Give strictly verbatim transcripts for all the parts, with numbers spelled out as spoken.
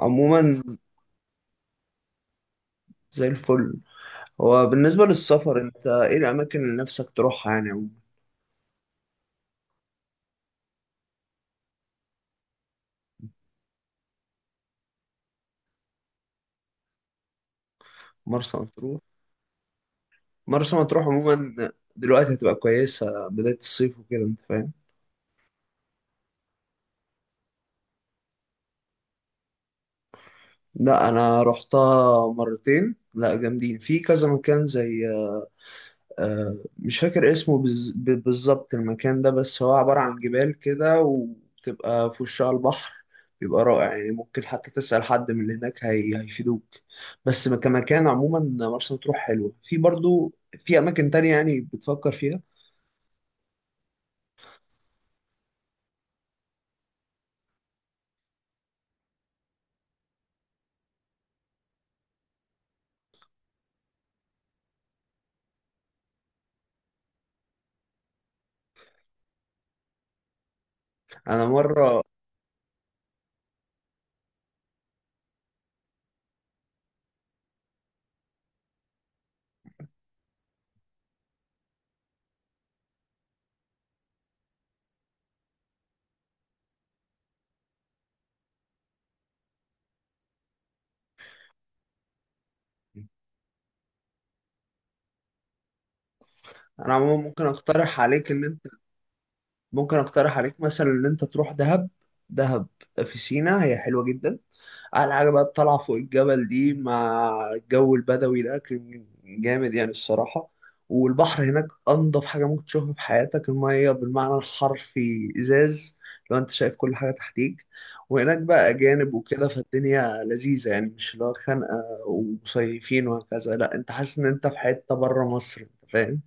عموما. زي الفل. هو بالنسبة للسفر انت ايه الأماكن اللي نفسك تروحها يعني عموما؟ مرسى مطروح. مرسى مطروح عموما دلوقتي هتبقى كويسة بداية الصيف وكده انت فاهم. لا أنا رحتها مرتين، لا جامدين، في كذا مكان زي آه، مش فاكر اسمه بز- ب- بالظبط المكان ده، بس هو عبارة عن جبال كده وبتبقى في وشها البحر، بيبقى رائع. يعني ممكن حتى تسأل حد من اللي هناك هي... هيفيدوك. بس كمكان عموما مرسى مطروح حلوة في برضو. في أماكن تانية يعني بتفكر فيها؟ أنا مرة. أنا عموما ممكن أقترح عليك إن أنت ممكن أقترح عليك مثلا إن أنت تروح دهب. دهب في سينا، هي حلوة جدا. على حاجة بقى، الطلعة فوق الجبل دي مع الجو البدوي ده كان جامد يعني الصراحة. والبحر هناك أنضف حاجة ممكن تشوفها في حياتك، المية بالمعنى الحرفي إزاز، لو أنت شايف كل حاجة تحتيك. وهناك بقى أجانب وكده، فالدنيا لذيذة يعني، مش اللي هو خانقة ومصيفين وهكذا، لا، أنت حاسس إن أنت في حتة بره مصر، أنت فاهم؟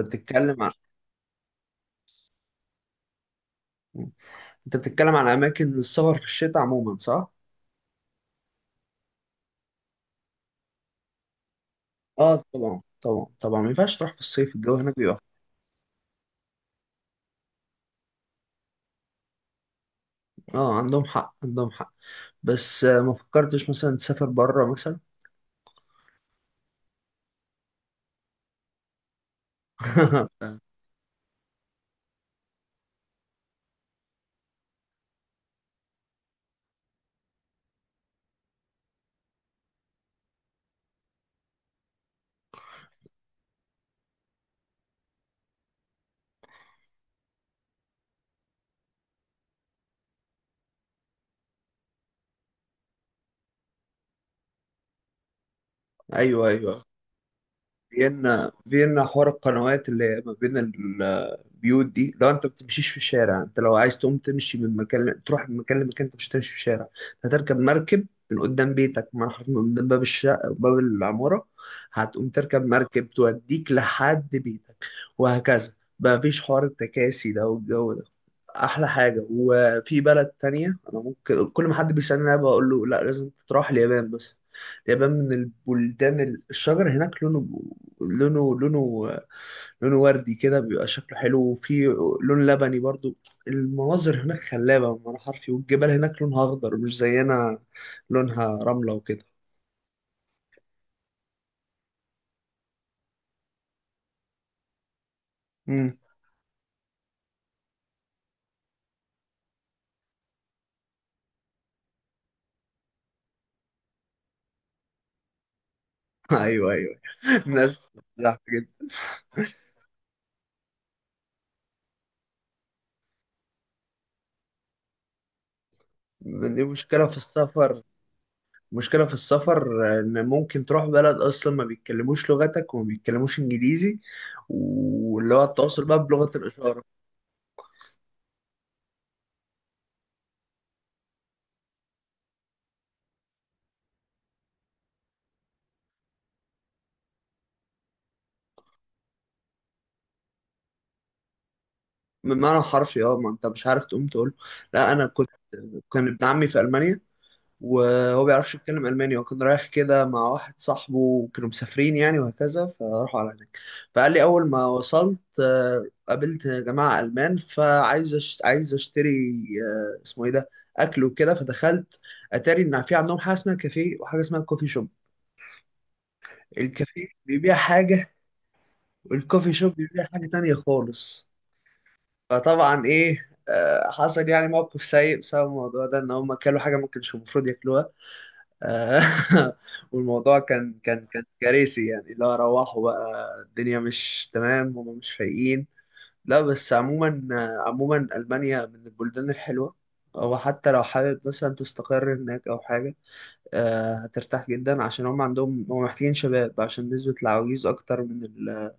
أنت بتتكلم عن أنت بتتكلم عن أماكن السفر في الشتاء عموما، صح؟ آه طبعا طبعا طبعا، ما ينفعش تروح في الصيف، الجو هناك بيبقى. اه عندهم حق عندهم حق، بس آه، ما فكرتش مثلا تسافر بره مثلا؟ فاهم؟ ايوه ايوه. فيينا، فيينا حوار القنوات اللي هي ما بين البيوت دي، لو انت ما بتمشيش في الشارع، انت لو عايز تقوم تمشي من مكان تروح من مكان لمكان، انت مش هتمشي في الشارع، هتركب مركب من قدام بيتك، من حرف، من قدام باب الشقه، باب العماره، هتقوم تركب مركب توديك لحد بيتك، وهكذا. ما فيش حوار التكاسي ده والجو ده. احلى حاجه، وفي بلد تانية انا ممكن كل ما حد بيسالني انا بقول له لا، لازم تروح اليابان مثلا. اليابان من البلدان ال- الشجر هناك لونه، لونه لونه لونه وردي كده، بيبقى شكله حلو، وفي لون لبني برضو. المناظر هناك خلابه بمعنى حرفي، والجبال هناك لونها اخضر مش زينا، لونها رمله وكده. امم. ايوه ايوه. الناس زحمه جدا. من دي مشكله في السفر. مشكلة في السفر، إن ممكن تروح بلد أصلا ما بيتكلموش لغتك وما بيتكلموش إنجليزي، واللي هو التواصل بقى بلغة الإشارة. بمعنى حرفي اه، ما أنت مش عارف تقوم تقول. لا أنا كنت، كان ابن عمي في ألمانيا، وهو بيعرفش يتكلم ألماني، وكان رايح كده مع واحد صاحبه وكانوا مسافرين يعني وهكذا، فراحوا على هناك. فقال لي أول ما وصلت آه، قابلت جماعة ألمان، فعايز أش... عايز أشتري، آه، اسمه إيه ده، أكل وكده، فدخلت. أتاري إن في عندهم حاجة اسمها كافيه وحاجة اسمها كوفي شوب. الكافيه بيبيع حاجة، والكوفي شوب بيبيع حاجة تانية خالص. فطبعا إيه، آه، حصل يعني موقف سيء بسبب الموضوع ده، إن هم كلوا حاجة ما كانش المفروض ياكلوها. والموضوع كان كان كان كارثي يعني، لا روحوا بقى الدنيا مش تمام، هم مش فايقين. لا بس عموما. عموما ألمانيا من البلدان الحلوة، أو حتى لو حابب مثلا تستقر هناك أو حاجة، آه، هترتاح جدا، عشان هم عندهم، هم محتاجين شباب، عشان نسبة العواجيز أكتر من ال...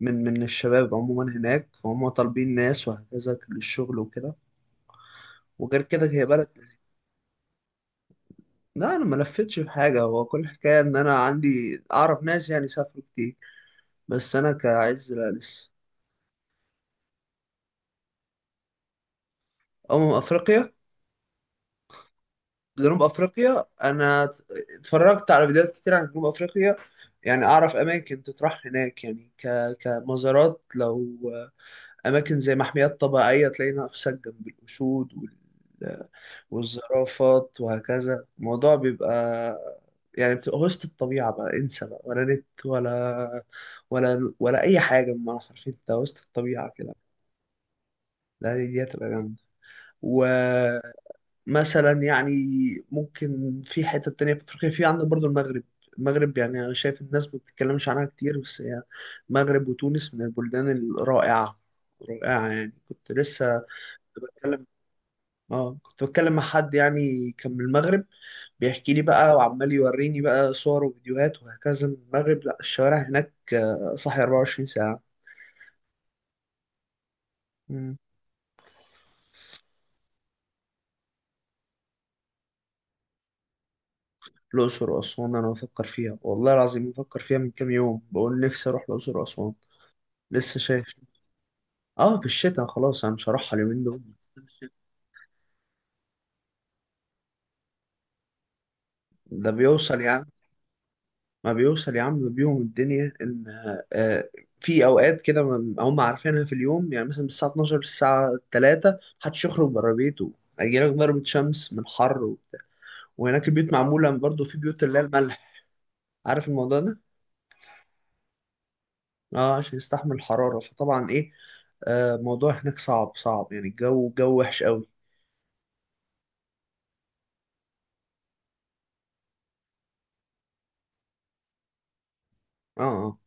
من من الشباب عموما هناك، فهم طالبين ناس وهكذا للشغل وكده. وغير كده هي بلد. لا انا ما لفتش في حاجه، هو كل حكايه ان انا عندي، اعرف ناس يعني سافروا كتير، بس انا كعز لا لسه. امم افريقيا. جنوب افريقيا انا ت- اتفرجت على فيديوهات كتير عن جنوب افريقيا. يعني اعرف اماكن تطرح هناك يعني ك... كمزارات، لو اماكن زي محميات طبيعيه تلاقي نفسك جنب الاسود وال... والزرافات وهكذا، الموضوع بيبقى، يعني بتبقى وسط الطبيعه بقى، انسى بقى ولا نت ولا ولا ولا اي حاجه، بمعنى حرفيا انت وسط الطبيعه كده. لا دي دي هتبقى جامده. مثلا يعني ممكن في حتة تانية في أفريقيا، في عندك برضو المغرب. المغرب يعني أنا شايف الناس ما بتتكلمش عنها كتير، بس هي، المغرب وتونس من البلدان الرائعة. رائعة يعني، كنت لسه، كنت بتكلم، اه كنت بتكلم مع حد يعني كان من المغرب، بيحكي لي بقى وعمال يوريني بقى صور وفيديوهات وهكذا من المغرب، لا الشوارع هناك آه، صاحية أربعة وعشرين ساعة. مم. الأقصر وأسوان، أنا بفكر فيها والله العظيم، بفكر فيها من كام يوم، بقول نفسي أروح الأقصر وأسوان، لسه شايف. اه في الشتاء، خلاص انا مش هروحها اليومين دول. ده بيوصل يا عم، ما بيوصل يا عم، بيهم الدنيا ان، آه، في اوقات كده، ما- هم عارفينها، في اليوم يعني مثلا من الساعه اتناشر للساعه ثلاثة محدش يخرج بره بيته، هيجيلك ضربة شمس من حر وبتاع. وهناك البيوت معمولة برضه، في بيوت اللي هي الملح، عارف الموضوع ده؟ اه عشان يستحمل الحرارة، فطبعا ايه، آه الموضوع هناك صعب صعب يعني، الجو جو وحش قوي. اه اه.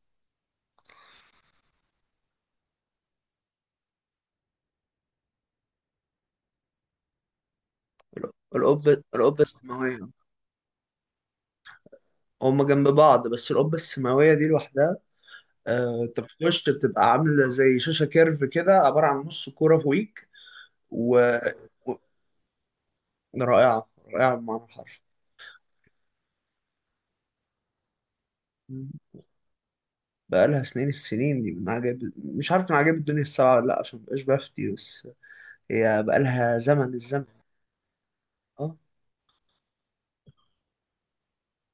القبة، القبة السماوية، هما جنب بعض، بس القبة السماوية دي لوحدها، آه، انت بتخش بتبقى عامله زي شاشه كيرف كده، عباره عن نص كوره فوقيك و... و... رائعه، رائعه بمعنى الحرفي. مم. بقالها سنين، السنين دي من عجائب، مش عارف من عجائب الدنيا السبعة ولا لا، عشان مبقاش بفتي، بس هي بقالها زمن الزمن. اه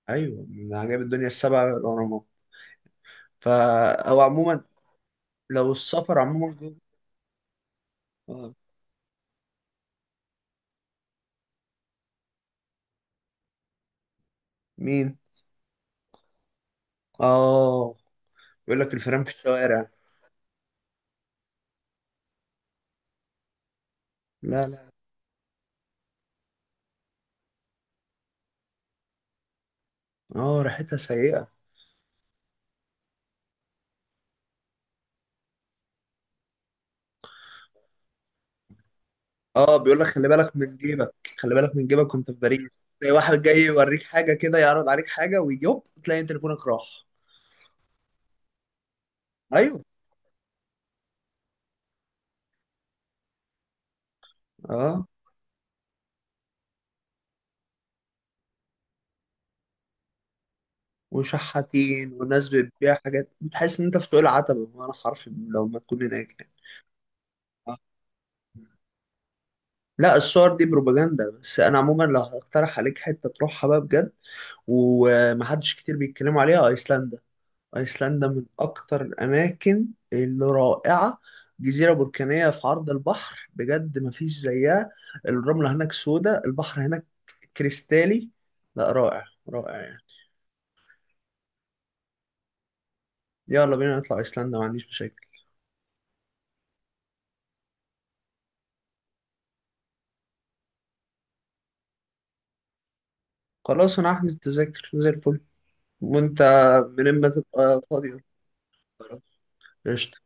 ايوه، من عجائب الدنيا السبعة الأهرامات، فا. أو عموما لو السفر عموما جوه. آه. مين؟ اه، يقول لك الفيران في الشوارع. لا لا. اه، ريحتها سيئة. اه بيقول لك خلي بالك من جيبك، خلي بالك من جيبك، وانت في باريس تلاقي واحد جاي يوريك حاجه كده، يعرض عليك حاجه، ويوب تلاقي تليفونك راح. ايوه. اه، وشحاتين، والناس بتبيع حاجات، بتحس ان انت في سوق العتبه بمعنى حرفي، لو ما تكون هناك يعني. آه. لا الصور دي بروباجندا، بس انا عموما لو هقترح عليك حته تروحها بقى بجد، ومحدش كتير بيتكلموا عليها، ايسلندا. أيسلندا من أكتر الأماكن اللي رائعة، جزيرة بركانية في عرض البحر، بجد مفيش زيها. الرملة هناك سودة، البحر هناك كريستالي، لا رائع رائع يعني. يلا بينا نطلع أيسلندا، ما عنديش مشاكل. خلاص أنا هحجز تذاكر زي الفل، وأنت من إما تبقى فاضي قول. خلاص. قشطة.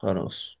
خلاص.